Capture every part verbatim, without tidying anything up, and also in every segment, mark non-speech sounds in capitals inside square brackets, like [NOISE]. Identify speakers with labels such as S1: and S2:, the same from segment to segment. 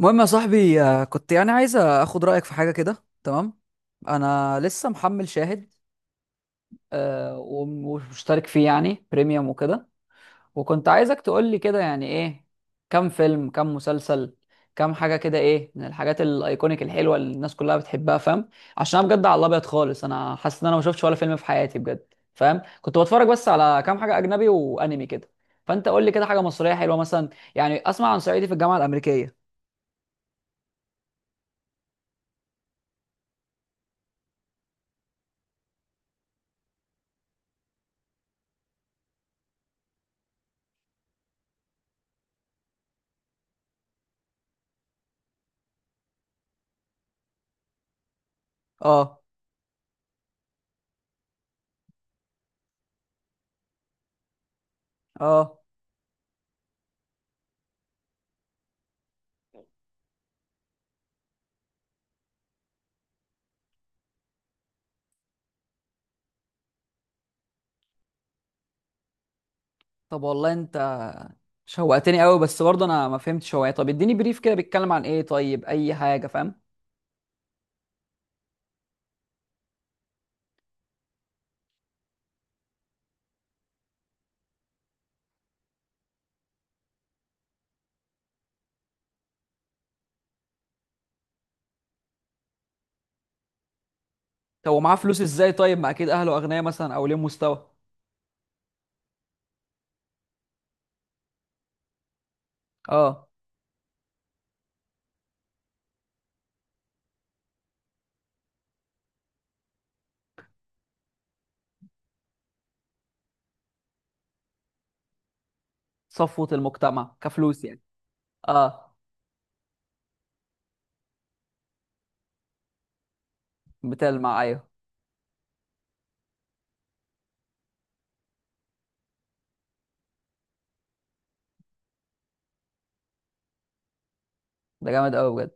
S1: المهم يا صاحبي، آه، كنت يعني عايز اخد رايك في حاجه كده. تمام. انا لسه محمل شاهد. آه، وم- ومشترك فيه يعني بريميوم وكده. وكنت عايزك تقول لي كده يعني ايه، كم فيلم، كم مسلسل، كم حاجه كده. ايه من الحاجات الايكونيك الحلوه اللي الناس كلها بتحبها؟ فاهم؟ عشان انا بجد على الابيض خالص، انا حاسس ان انا ما شفتش ولا فيلم في حياتي بجد. فاهم؟ كنت بتفرج بس على كام حاجه اجنبي وانمي كده. فانت قول لي كده حاجه مصريه حلوه مثلا. يعني اسمع عن صعيدي في الجامعه الامريكيه. اه. اه. طب والله انت شوقتني قوي، بس برضه انا ما فهمتش هو ايه. طب اديني بريف كده، بيتكلم عن ايه؟ طيب اي حاجه، فاهم. طب ومعاه فلوس ازاي؟ طيب ما اكيد اهله اغنياء مثلا، او ليه مستوى. اه، صفوه المجتمع كفلوس يعني. اه، بتلمع، ايوه. ده جامد قوي بجد.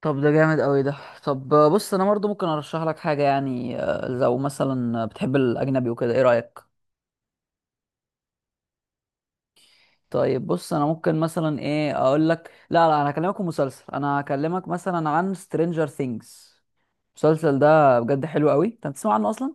S1: طب، ده جامد قوي ده. طب، آه، بص انا برضه ممكن ارشح لك حاجه. يعني آه، لو مثلا بتحب الاجنبي وكده، ايه رايك؟ طيب بص، انا ممكن مثلا ايه اقول لك. لا لا، انا هكلمك في مسلسل، انا هكلمك مثلا عن سترينجر ثينجز. المسلسل ده بجد حلو قوي، انت بتسمع عنه اصلا؟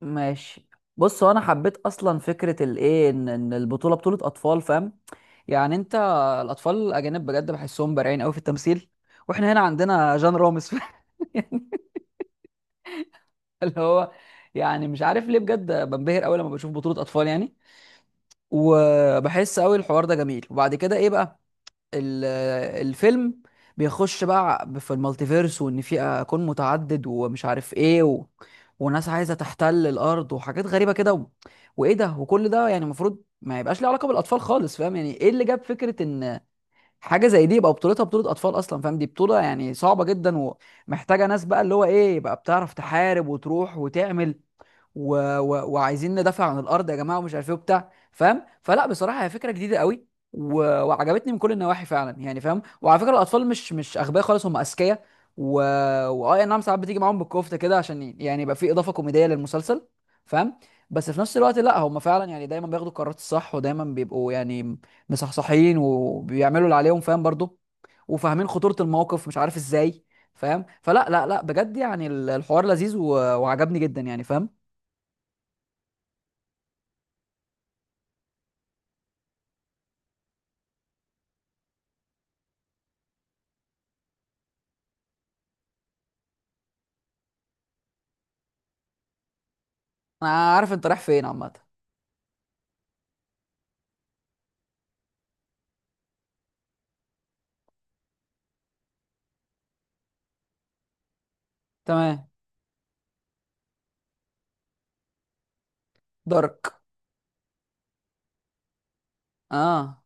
S1: ماشي. بص، هو انا حبيت اصلا فكره الايه، ان ان البطوله بطوله اطفال، فاهم. يعني انت، الاطفال الاجانب بجد بحسهم بارعين قوي في التمثيل، واحنا هنا عندنا جان رامز [LAUGHS] يعني، اللي هو، يعني مش عارف ليه بجد بنبهر قوي لما بشوف بطوله اطفال يعني. وبحس قوي الحوار ده جميل. وبعد كده ايه بقى، ال- الفيلم بيخش بقى في المالتيفيرس، وان في اكون متعدد ومش عارف ايه، و... وناس عايزه تحتل الارض وحاجات غريبه كده، و... وايه ده. وكل ده يعني المفروض ما يبقاش ليه علاقه بالاطفال خالص، فاهم؟ يعني ايه اللي جاب فكره ان حاجه زي دي يبقى بطولتها بطوله اطفال اصلا؟ فاهم، دي بطوله يعني صعبه جدا، ومحتاجه ناس بقى اللي هو ايه، يبقى بتعرف تحارب وتروح وتعمل، و... و... وعايزين ندافع عن الارض يا جماعه ومش عارف ايه وبتاع، فاهم. فلا بصراحه، هي فكره جديده قوي و... وعجبتني من كل النواحي فعلا يعني، فاهم. وعلى فكره الاطفال مش مش اغبياء خالص، هم اذكياء. و واه، نعم، ساعات بتيجي معاهم بالكفته كده عشان ي- يعني يبقى في اضافه كوميديه للمسلسل، فاهم. بس في نفس الوقت، لا، هم فعلا يعني دايما بياخدوا القرارات الصح، ودايما بيبقوا يعني مصحصحين وبيعملوا اللي عليهم، فاهم برضو. وفاهمين خطورة الموقف، مش عارف ازاي. فاهم، فلا لا لا بجد، يعني ال- الحوار لذيذ و- وعجبني جدا، يعني فاهم. انا عارف انت رايح فين عامه. تمام. دارك. اه،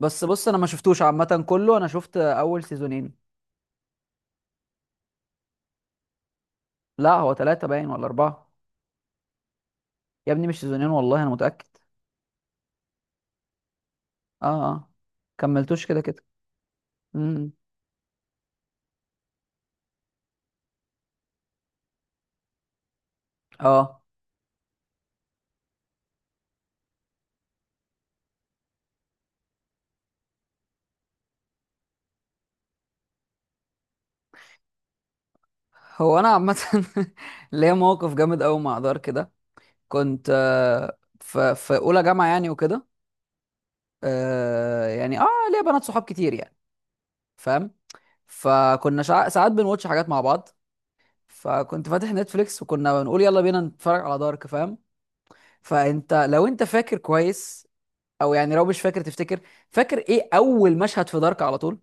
S1: بس بص انا ما شفتوش عامه كله، انا شفت اول سيزونين. لا، هو ثلاثه باين ولا اربعه. يا ابني مش سيزونين، والله انا متاكد. اه. اه. كملتوش كده كده. امم. اه. هو انا عامه [LAUGHS] ليا موقف جامد قوي مع دارك ده. كنت آه، في في اولى جامعه يعني وكده. آه يعني، اه، ليا بنات صحاب كتير يعني، فاهم. فكنا شع... ساعات بنواتش حاجات مع بعض. فكنت فاتح نتفليكس، وكنا بنقول يلا بينا نتفرج على دارك، فاهم. فانت لو انت فاكر كويس، او يعني لو مش فاكر تفتكر، فاكر ايه اول مشهد في دارك على طول؟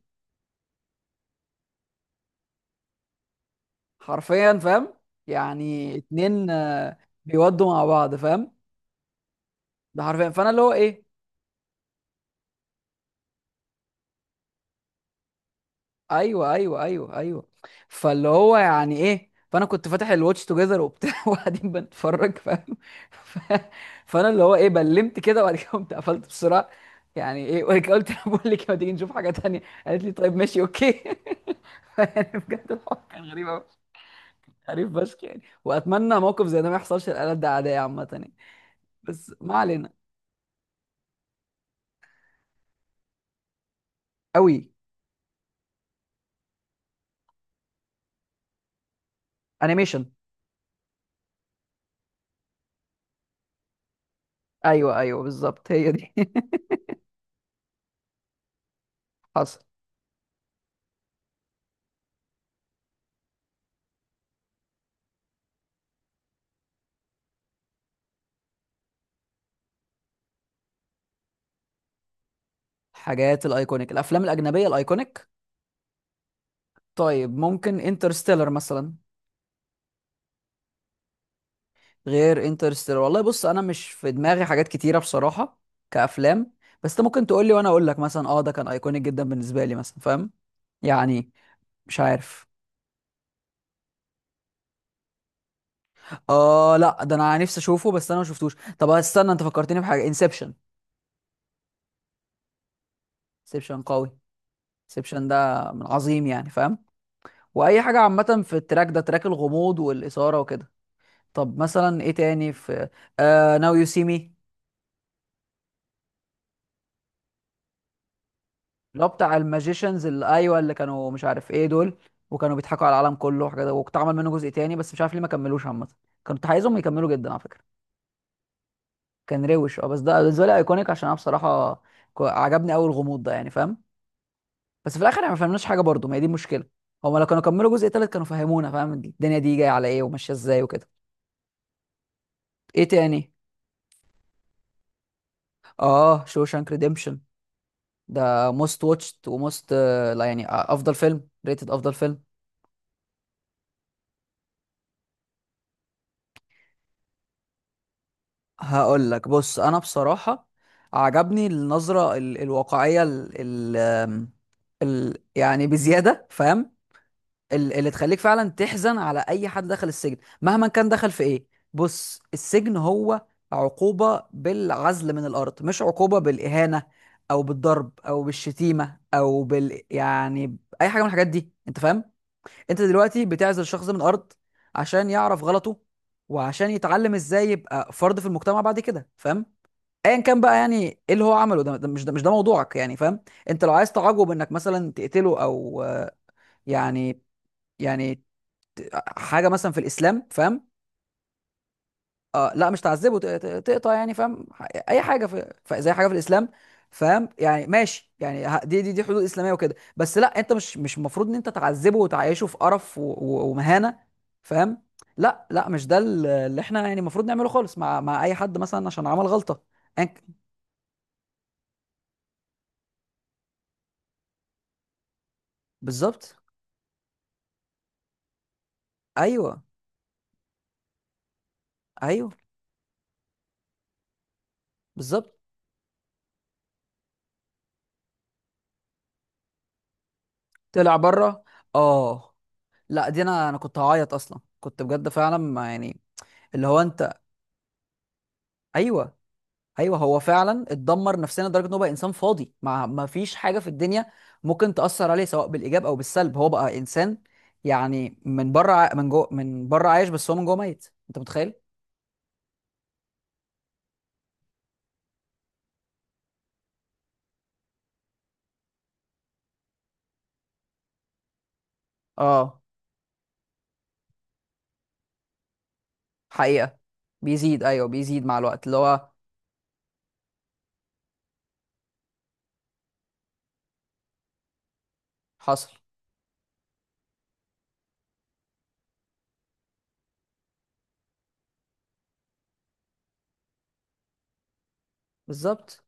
S1: حرفيا، فاهم. يعني اتنين آه، بيودوا مع بعض، فاهم. ده حرفيا. فانا اللي هو ايه. ايوه، ايوه، ايوه، ايوه. فاللي هو يعني ايه، فانا كنت فاتح الواتش توجذر وبتاع [LAUGHS] وقاعدين بنتفرج، فاهم. ف... فانا اللي هو ايه، بلمت كده، وبعد كده قمت قفلت بسرعه. يعني ايه، وقلت لها بقول لك ما تيجي نشوف حاجه تانية. قالت لي طيب، ماشي، اوكي. [LAUGHS] يعني بجد الحوار كان غريب قوي، غريب فشخ يعني. واتمنى موقف زي ده ما يحصلش لآلات ده، عاديه عامه يعني. بس ما علينا. قوي. انيميشن. ايوه ايوه، بالظبط، هي دي [LAUGHS] حصل. حاجات الايكونيك، الافلام الاجنبيه الايكونيك. طيب، ممكن انترستيلر مثلا. غير انترستيلر. والله بص، انا مش في دماغي حاجات كتيره بصراحه كافلام. بس انت ممكن تقول لي وانا اقول لك مثلا، اه ده كان ايكونيك جدا بالنسبه لي مثلا، فاهم. يعني، مش عارف. اه لا، ده انا نفسي اشوفه، بس انا ما شفتوش. طب استنى، انت فكرتني بحاجه، انسبشن. انسبشن قوي. انسبشن ده من عظيم يعني، فاهم. واي حاجه عامه في التراك ده، تراك الغموض والاثاره وكده. طب مثلا ايه تاني في، آه ناو يو سي مي، اللي هو بتاع الماجيشنز اللي، ايوه، اللي كانوا مش عارف ايه دول، وكانوا بيضحكوا على العالم كله وحاجات. واتعمل منه جزء تاني، بس مش عارف ليه ما كملوش عامه، كنت عايزهم يكملوا جدا على فكره. كان روش. اه، بس ده بالنسبه لي ايكونيك، عشان انا بصراحه ك- عجبني قوي الغموض ده يعني، فاهم. بس في الاخر احنا ما فهمناش حاجه برضه، ما هي دي المشكله. هما لو كانوا كملوا جزء تالت كانوا فهمونا، فاهم، الدنيا دي جايه على ايه وماشيه ازاي وكده. ايه تاني. اه، شوشانك ريديمشن. ده موست واتشت وموست آه، لا يعني آه، افضل فيلم ريتد، افضل فيلم. هقول لك، بص انا بصراحه عجبني النظره ال الواقعيه، ال ال آم، ال يعني بزياده، فاهم. ال- اللي تخليك فعلا تحزن على اي حد دخل السجن مهما كان دخل في ايه. بص، السجن هو عقوبه بالعزل من الارض، مش عقوبه بالاهانه، او بالضرب، او بالشتيمه، او بال يعني اي حاجه من الحاجات دي، انت فاهم. انت دلوقتي بتعزل شخص من الارض عشان يعرف غلطه، وعشان يتعلم ازاي يبقى فرد في المجتمع بعد كده، فاهم. ايا كان بقى يعني ايه اللي هو عمله ده، ده مش ده مش ده موضوعك يعني، فاهم. انت لو عايز تعجب انك مثلا تقتله او آه، يعني، يعني حاجه مثلا في الاسلام، فاهم. آه لا، مش تعذبه، ت- ت- تقطع يعني، فاهم، ح- اي حاجه في ف- زي حاجه في الاسلام. فاهم يعني، ماشي يعني، ه- دي دي دي حدود اسلاميه وكده. بس لا، انت مش مش المفروض ان انت تعذبه وتعيشه في قرف و- و- ومهانه، فاهم. لا لا، مش ده ال- اللي احنا يعني المفروض نعمله خالص مع مع اي حد مثلا عشان عمل غلطه. أياً ك- بالظبط. ايوه ايوه، بالظبط. طلع بره. اه لا، دي انا انا كنت هعيط اصلا، كنت بجد فعلا ما يعني. اللي هو انت. ايوه. ايوه، هو فعلا اتدمر نفسيا لدرجه ان هو بقى انسان فاضي، ما ما فيش حاجه في الدنيا ممكن تاثر عليه سواء بالايجاب او بالسلب. هو بقى انسان يعني من بره، ع- من جوه، من بره عايش بس هو من جوه ميت، انت متخيل. اه. حقيقه. بيزيد، ايوه بيزيد مع الوقت اللي هو. حصل. بالظبط.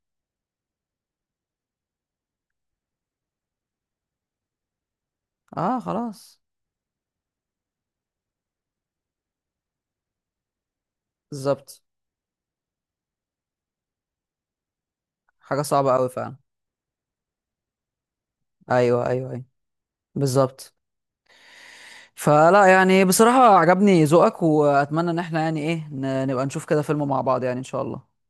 S1: اه خلاص، بالظبط. حاجه صعبه قوي فعلا. ايوه ايوه ايوه، بالظبط. فلا يعني بصراحة، عجبني ذوقك، وأتمنى إن احنا يعني إيه ن- نبقى نشوف كده فيلم مع بعض، يعني إن شاء الله.